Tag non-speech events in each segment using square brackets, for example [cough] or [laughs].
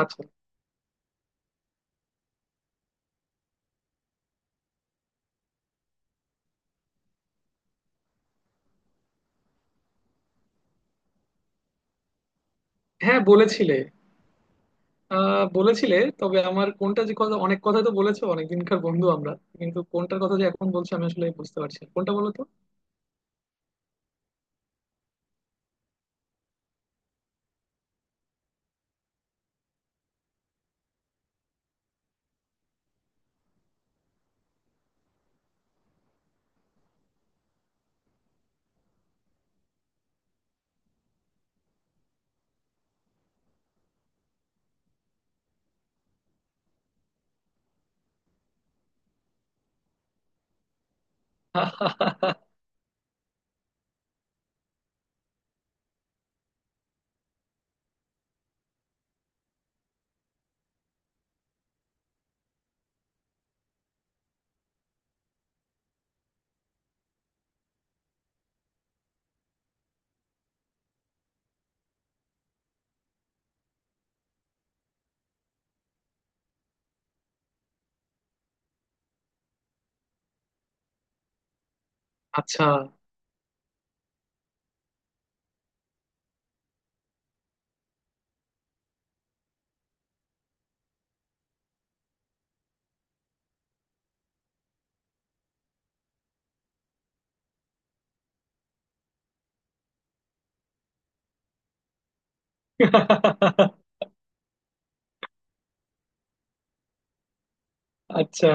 আচ্ছা। হ্যাঁ বলেছিলে। আহ বলেছিলে, তবে আমার কোনটা যে কথা, অনেক কথা তো বলেছো, অনেকদিনকার বন্ধু আমরা। কিন্তু কোনটার কথা যে এখন বলছি আমি আসলে বুঝতে পারছি না। কোনটা বলো তো। [laughs] আচ্ছা আচ্ছা।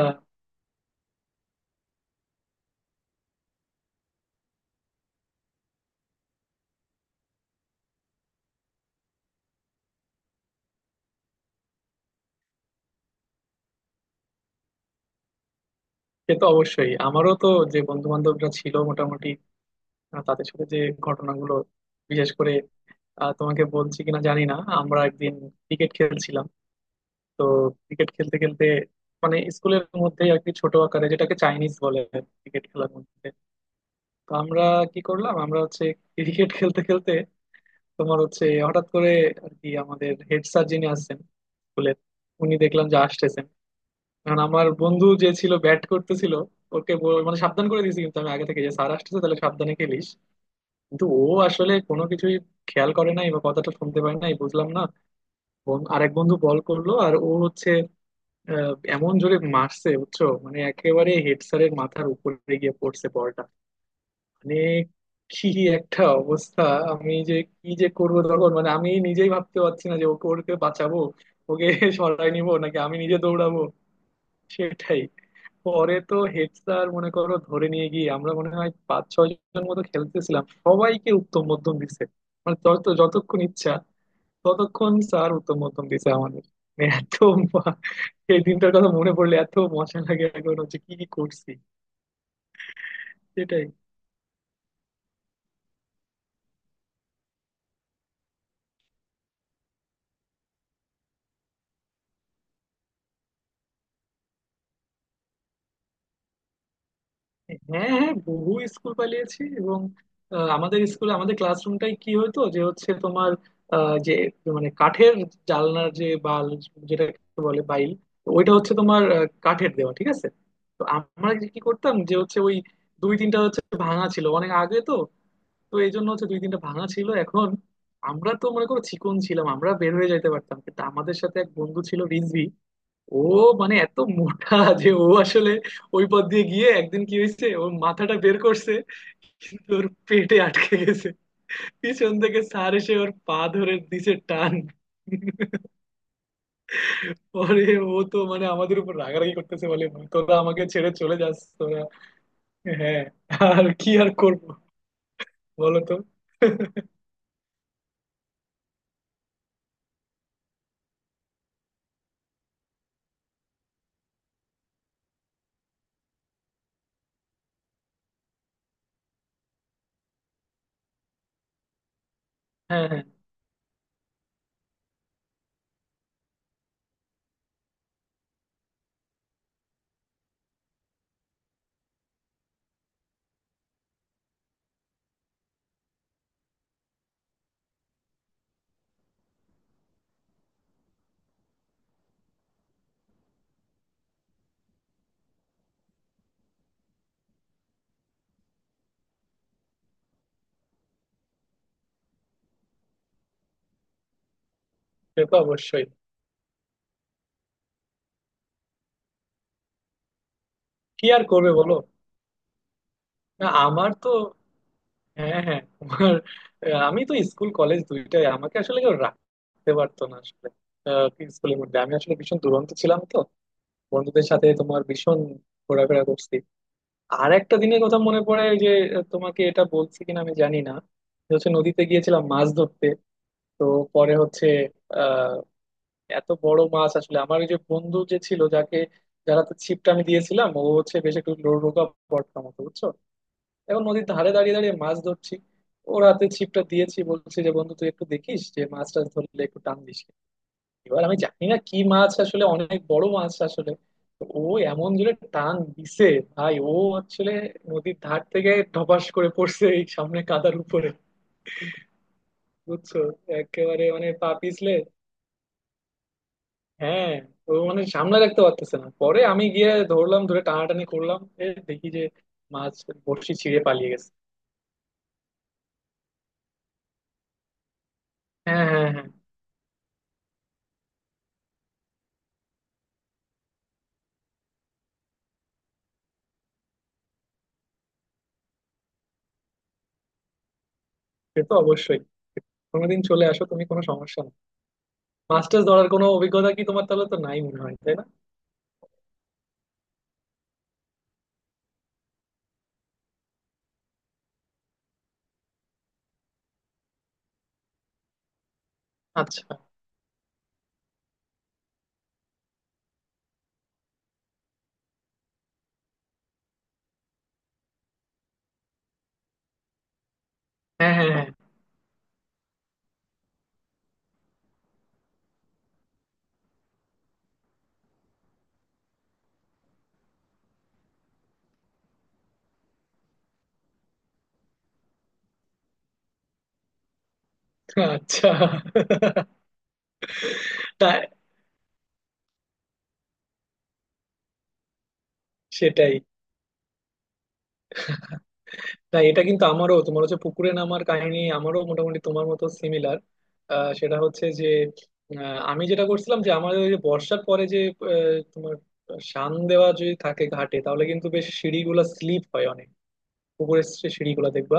সে তো অবশ্যই, আমারও তো যে বন্ধু বান্ধবরা ছিল মোটামুটি, তাদের সাথে যে ঘটনাগুলো, বিশেষ করে, তোমাকে বলছি কিনা জানি না। আমরা একদিন ক্রিকেট খেলছিলাম। তো ক্রিকেট খেলতে খেলতে মানে স্কুলের মধ্যে আর কি, ছোট আকারে, যেটাকে চাইনিজ বলে ক্রিকেট খেলার মধ্যে। তো আমরা কি করলাম, আমরা হচ্ছে ক্রিকেট খেলতে খেলতে তোমার হচ্ছে হঠাৎ করে আর কি, আমাদের হেড স্যার যিনি আসছেন স্কুলের, উনি দেখলাম যে আসতেছেন। কারণ আমার বন্ধু যে ছিল ব্যাট করতেছিল, ওকে মানে সাবধান করে দিয়েছি কিন্তু আমি আগে থেকে, যে স্যার আসতেছে, তাহলে সাবধানে খেলিস। কিন্তু ও আসলে কোনো কিছুই খেয়াল করে নাই, বা কথাটা শুনতে পারে নাই বুঝলাম না। আরেক বন্ধু বল করলো আর ও হচ্ছে এমন জোরে মারছে, বুঝছো, মানে একেবারে হেড স্যারের মাথার উপরে গিয়ে পড়ছে বলটা। মানে কি একটা অবস্থা! আমি যে কি যে করব তখন, মানে আমি নিজেই ভাবতে পারছি না যে ওকে ওকে বাঁচাবো, ওকে [laughs] সরায় নিব নাকি আমি নিজে দৌড়াবো। সেটাই। পরে তো হেড স্যার মনে করো ধরে নিয়ে গিয়ে, আমরা মনে হয় পাঁচ ছয় জন মতো খেলতেছিলাম, সবাইকে উত্তম মধ্যম দিছে। মানে যত যতক্ষণ ইচ্ছা ততক্ষণ স্যার উত্তম মধ্যম দিছে আমাদের। মানে এত মা- [laughs] এই দিনটার কথা মনে পড়লে এত মজা লাগে এখন, হচ্ছে কি কি করছি। সেটাই। হ্যাঁ হ্যাঁ বহু স্কুল পালিয়েছি। এবং আমাদের স্কুলে আমাদের ক্লাসরুমটাই কি হতো যে হচ্ছে তোমার যে মানে কাঠের জানলার যে বাল, যেটাকে বলে বাইল, তো ওইটা হচ্ছে তোমার কাঠের দেওয়া, ঠিক আছে। তো আমরা যে কি করতাম যে হচ্ছে ওই দুই তিনটা হচ্ছে ভাঙা ছিল অনেক আগে তো, তো এই জন্য হচ্ছে দুই তিনটা ভাঙা ছিল এখন। আমরা তো মনে করো চিকন ছিলাম, আমরা বের হয়ে যাইতে পারতাম, কিন্তু আমাদের সাথে এক বন্ধু ছিল রিজভি। ও মানে এত মোটা যে ও আসলে ওই পথ দিয়ে গিয়ে একদিন কি হয়েছে, ওর মাথাটা বের করছে কিন্তু ওর পেটে আটকে গেছে। পিছন থেকে স্যার এসে ওর পা ধরে দিছে টান। পরে ও তো মানে আমাদের উপর রাগারাগি করতেছে বলে, তোরা আমাকে ছেড়ে চলে যাস তোরা। হ্যাঁ। আর কি আর করবো বলো তো। হ্যাঁ হ্যাঁ। সে তো অবশ্যই। কি আর করবে বলো। না আমার তো, হ্যাঁ হ্যাঁ তোমার, আমি তো স্কুল কলেজ দুইটাই আমাকে আসলে কেউ রাখতে পারতো না আসলে। কি স্কুলের মধ্যে আমি আসলে ভীষণ দুরন্ত ছিলাম তো, বন্ধুদের সাথে তোমার ভীষণ ঘোরাফেরা করছি। আর একটা দিনের কথা মনে পড়ে ওই যে, তোমাকে এটা বলছি কিনা আমি জানি না, যে হচ্ছে নদীতে গিয়েছিলাম মাছ ধরতে। তো পরে হচ্ছে আহ এত বড় মাছ আসলে, আমার ওই যে বন্ধু যে ছিল যাকে যারা তো ছিপটা আমি দিয়েছিলাম, ও হচ্ছে বেশ একটু রোগা পড়তাম মতো, বুঝছো। এখন নদীর ধারে দাঁড়িয়ে দাঁড়িয়ে মাছ ধরছি, ওর হাতে ছিপটা দিয়েছি, বলছে যে বন্ধু তুই একটু দেখিস, যে মাছ টাছ ধরলে একটু টান দিস। এবার আমি জানি না কি মাছ আসলে, অনেক বড় মাছ আসলে। তো ও এমন জোরে টান দিছে ভাই, ও আসলে নদীর ধার থেকে ধপাস করে পড়ছে এই সামনে কাদার উপরে, বুঝছো, একেবারে মানে পা পিছলে। হ্যাঁ। ও মানে সামনে রাখতে পারতেছে না, পরে আমি গিয়ে ধরলাম, ধরে টানাটানি করলাম, এ দেখি যে মাছ বড়শি ছিঁড়ে পালিয়ে গেছে। হ্যাঁ হ্যাঁ হ্যাঁ। সে তো অবশ্যই, কোনোদিন চলে আসো তুমি, কোনো সমস্যা না। মাস্টার্স ধরার কোনো অভিজ্ঞতা কি তোমার, তাহলে তো নাই মনে হয় তাই না? আচ্ছা। হ্যাঁ হ্যাঁ হ্যাঁ। আচ্ছা। তাই। সেটাই। না এটা কিন্তু আমারও, তোমার হচ্ছে পুকুরে নামার কাহিনী আমারও মোটামুটি তোমার মতো সিমিলার। সেটা হচ্ছে যে আমি যেটা করছিলাম, যে আমাদের ওই যে বর্ষার পরে যে তোমার শান দেওয়া যদি থাকে ঘাটে, তাহলে কিন্তু বেশ সিঁড়িগুলা স্লিপ হয় অনেক, পুকুরের সে সিঁড়িগুলা দেখবা।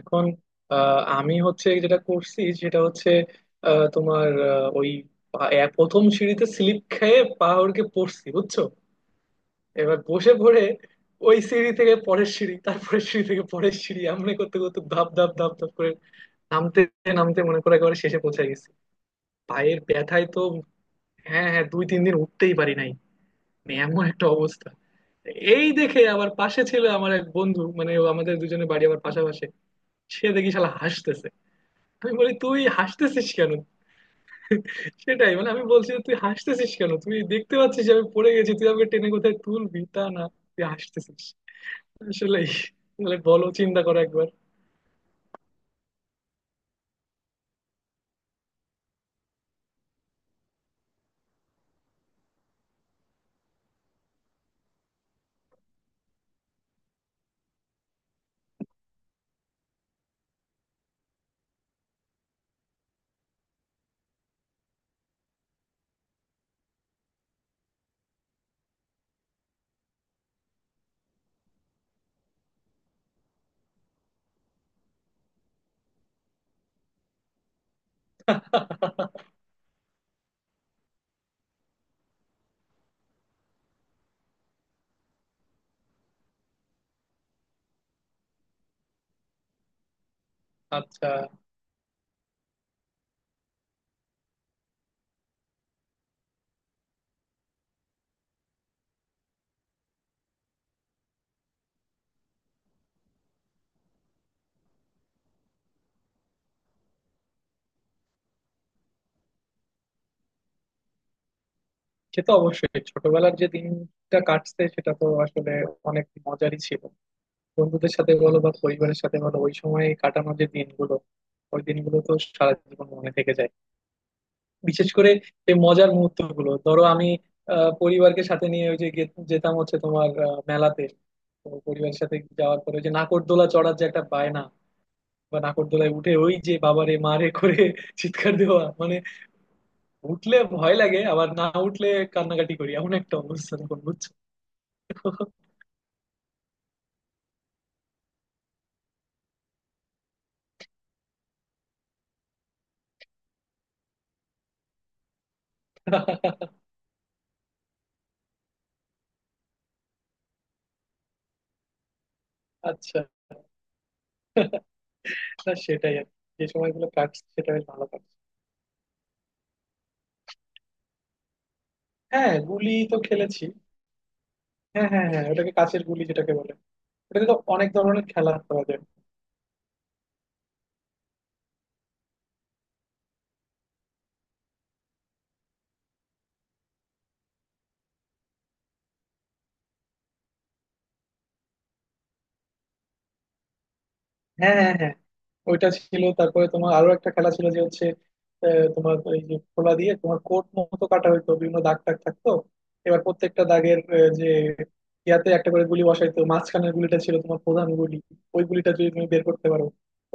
এখন আমি হচ্ছে যেটা করছি সেটা হচ্ছে তোমার ওই প্রথম সিঁড়িতে স্লিপ খেয়ে পা হড়কে পড়ছি, বুঝছো। এবার বসে পড়ে ওই সিঁড়ি থেকে পরের সিঁড়ি, তারপরে সিঁড়ি থেকে পরের সিঁড়ি, এমনি করতে করতে ধাপ ধাপ ধাপ ধাপ করে নামতে নামতে মনে করে একেবারে শেষে পৌঁছে গেছি। পায়ের ব্যথায় তো হ্যাঁ হ্যাঁ দুই তিন দিন উঠতেই পারি নাই। মানে এমন একটা অবস্থা! এই দেখে আবার পাশে ছিল আমার এক বন্ধু, মানে ও আমাদের দুজনের বাড়ি আবার পাশাপাশি, সে দেখি শালা হাসতেছে। আমি বলি তুই হাসতেছিস কেন? সেটাই মানে আমি বলছি যে, তুই হাসতেছিস কেন, তুই দেখতে পাচ্ছিস যে আমি পড়ে গেছি, তুই আমাকে টেনে কোথায় তুলবি তা না, তুই হাসতেছিস! আসলেই তাহলে বলো, চিন্তা করো একবার। আচ্ছা। সে তো অবশ্যই, ছোটবেলার যে দিনটা কাটছে সেটা তো আসলে অনেক মজারই ছিল। বন্ধুদের সাথে বলো বা পরিবারের সাথে বলো, ওই সময় কাটানো যে দিনগুলো, ওই দিনগুলো তো সারা জীবন মনে থেকে যায়। বিশেষ করে এই মজার মুহূর্ত গুলো, ধরো আমি পরিবারকে সাথে নিয়ে ওই যে যেতাম হচ্ছে তোমার মেলাতে। তো পরিবারের সাথে যাওয়ার পরে ওই যে নাকরদোলা চড়ার যে একটা বায়না, বা নাকরদোলায় উঠে ওই যে বাবারে মারে করে [laughs] চিৎকার দেওয়া, মানে উঠলে ভয় লাগে আবার না উঠলে কান্নাকাটি করি, এমন একটা অবস্থা তখন, বুঝছো। [laughs] আচ্ছা। না সেটাই আর কি। যে সময়গুলো কাটছে সেটা বেশ ভালো কাটছে। হ্যাঁ গুলি তো খেলেছি। হ্যাঁ হ্যাঁ হ্যাঁ ওটাকে কাঁচের গুলি যেটাকে বলে। ওটাতে তো অনেক ধরনের খেলা করা যায়। হ্যাঁ হ্যাঁ হ্যাঁ ওইটা ছিল, তারপরে তোমার আরো একটা খেলা ছিল যে হচ্ছে তোমার এই যে খোলা দিয়ে তোমার কোট মতো কাটা হইতো, বিভিন্ন দাগ টাগ থাকতো। এবার প্রত্যেকটা দাগের যে ইয়াতে একটা করে গুলি বসাইতো, মাঝখানের গুলিটা ছিল তোমার প্রধান গুলি। ওই গুলিটা যদি তুমি বের করতে পারো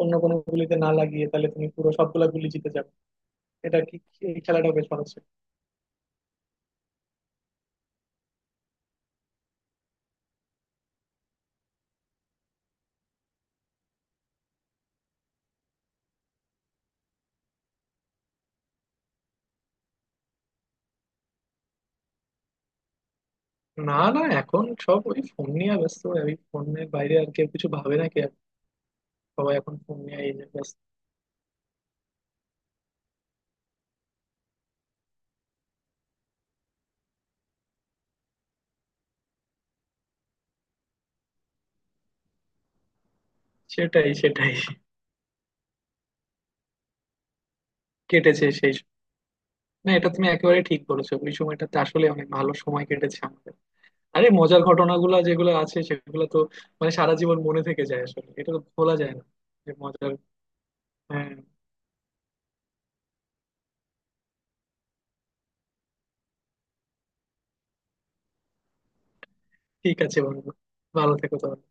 অন্য কোনো গুলিতে না লাগিয়ে, তাহলে তুমি পুরো সবগুলা গুলি জিতে যাবে। এটা কি, এই খেলাটা বেশ ভালো ছিল। না না, এখন সব ওই ফোন নিয়ে ব্যস্ত, ওই ফোনের বাইরে আর কেউ কিছু ভাবে না কি। সবাই এখন ফোন নিয়ে এই যে ব্যস্ত। সেটাই সেটাই। কেটেছে সেই, না এটা তুমি একেবারে ঠিক বলেছো, ওই সময়টাতে আসলে অনেক ভালো সময় কেটেছে আমাদের। আরে মজার ঘটনাগুলো যেগুলো আছে সেগুলো তো মানে সারা জীবন মনে থেকে যায় আসলে, এটা তো ভোলা যায় না। যে মজার, হ্যাঁ। ঠিক আছে বন্ধু, ভালো থেকো তাহলে।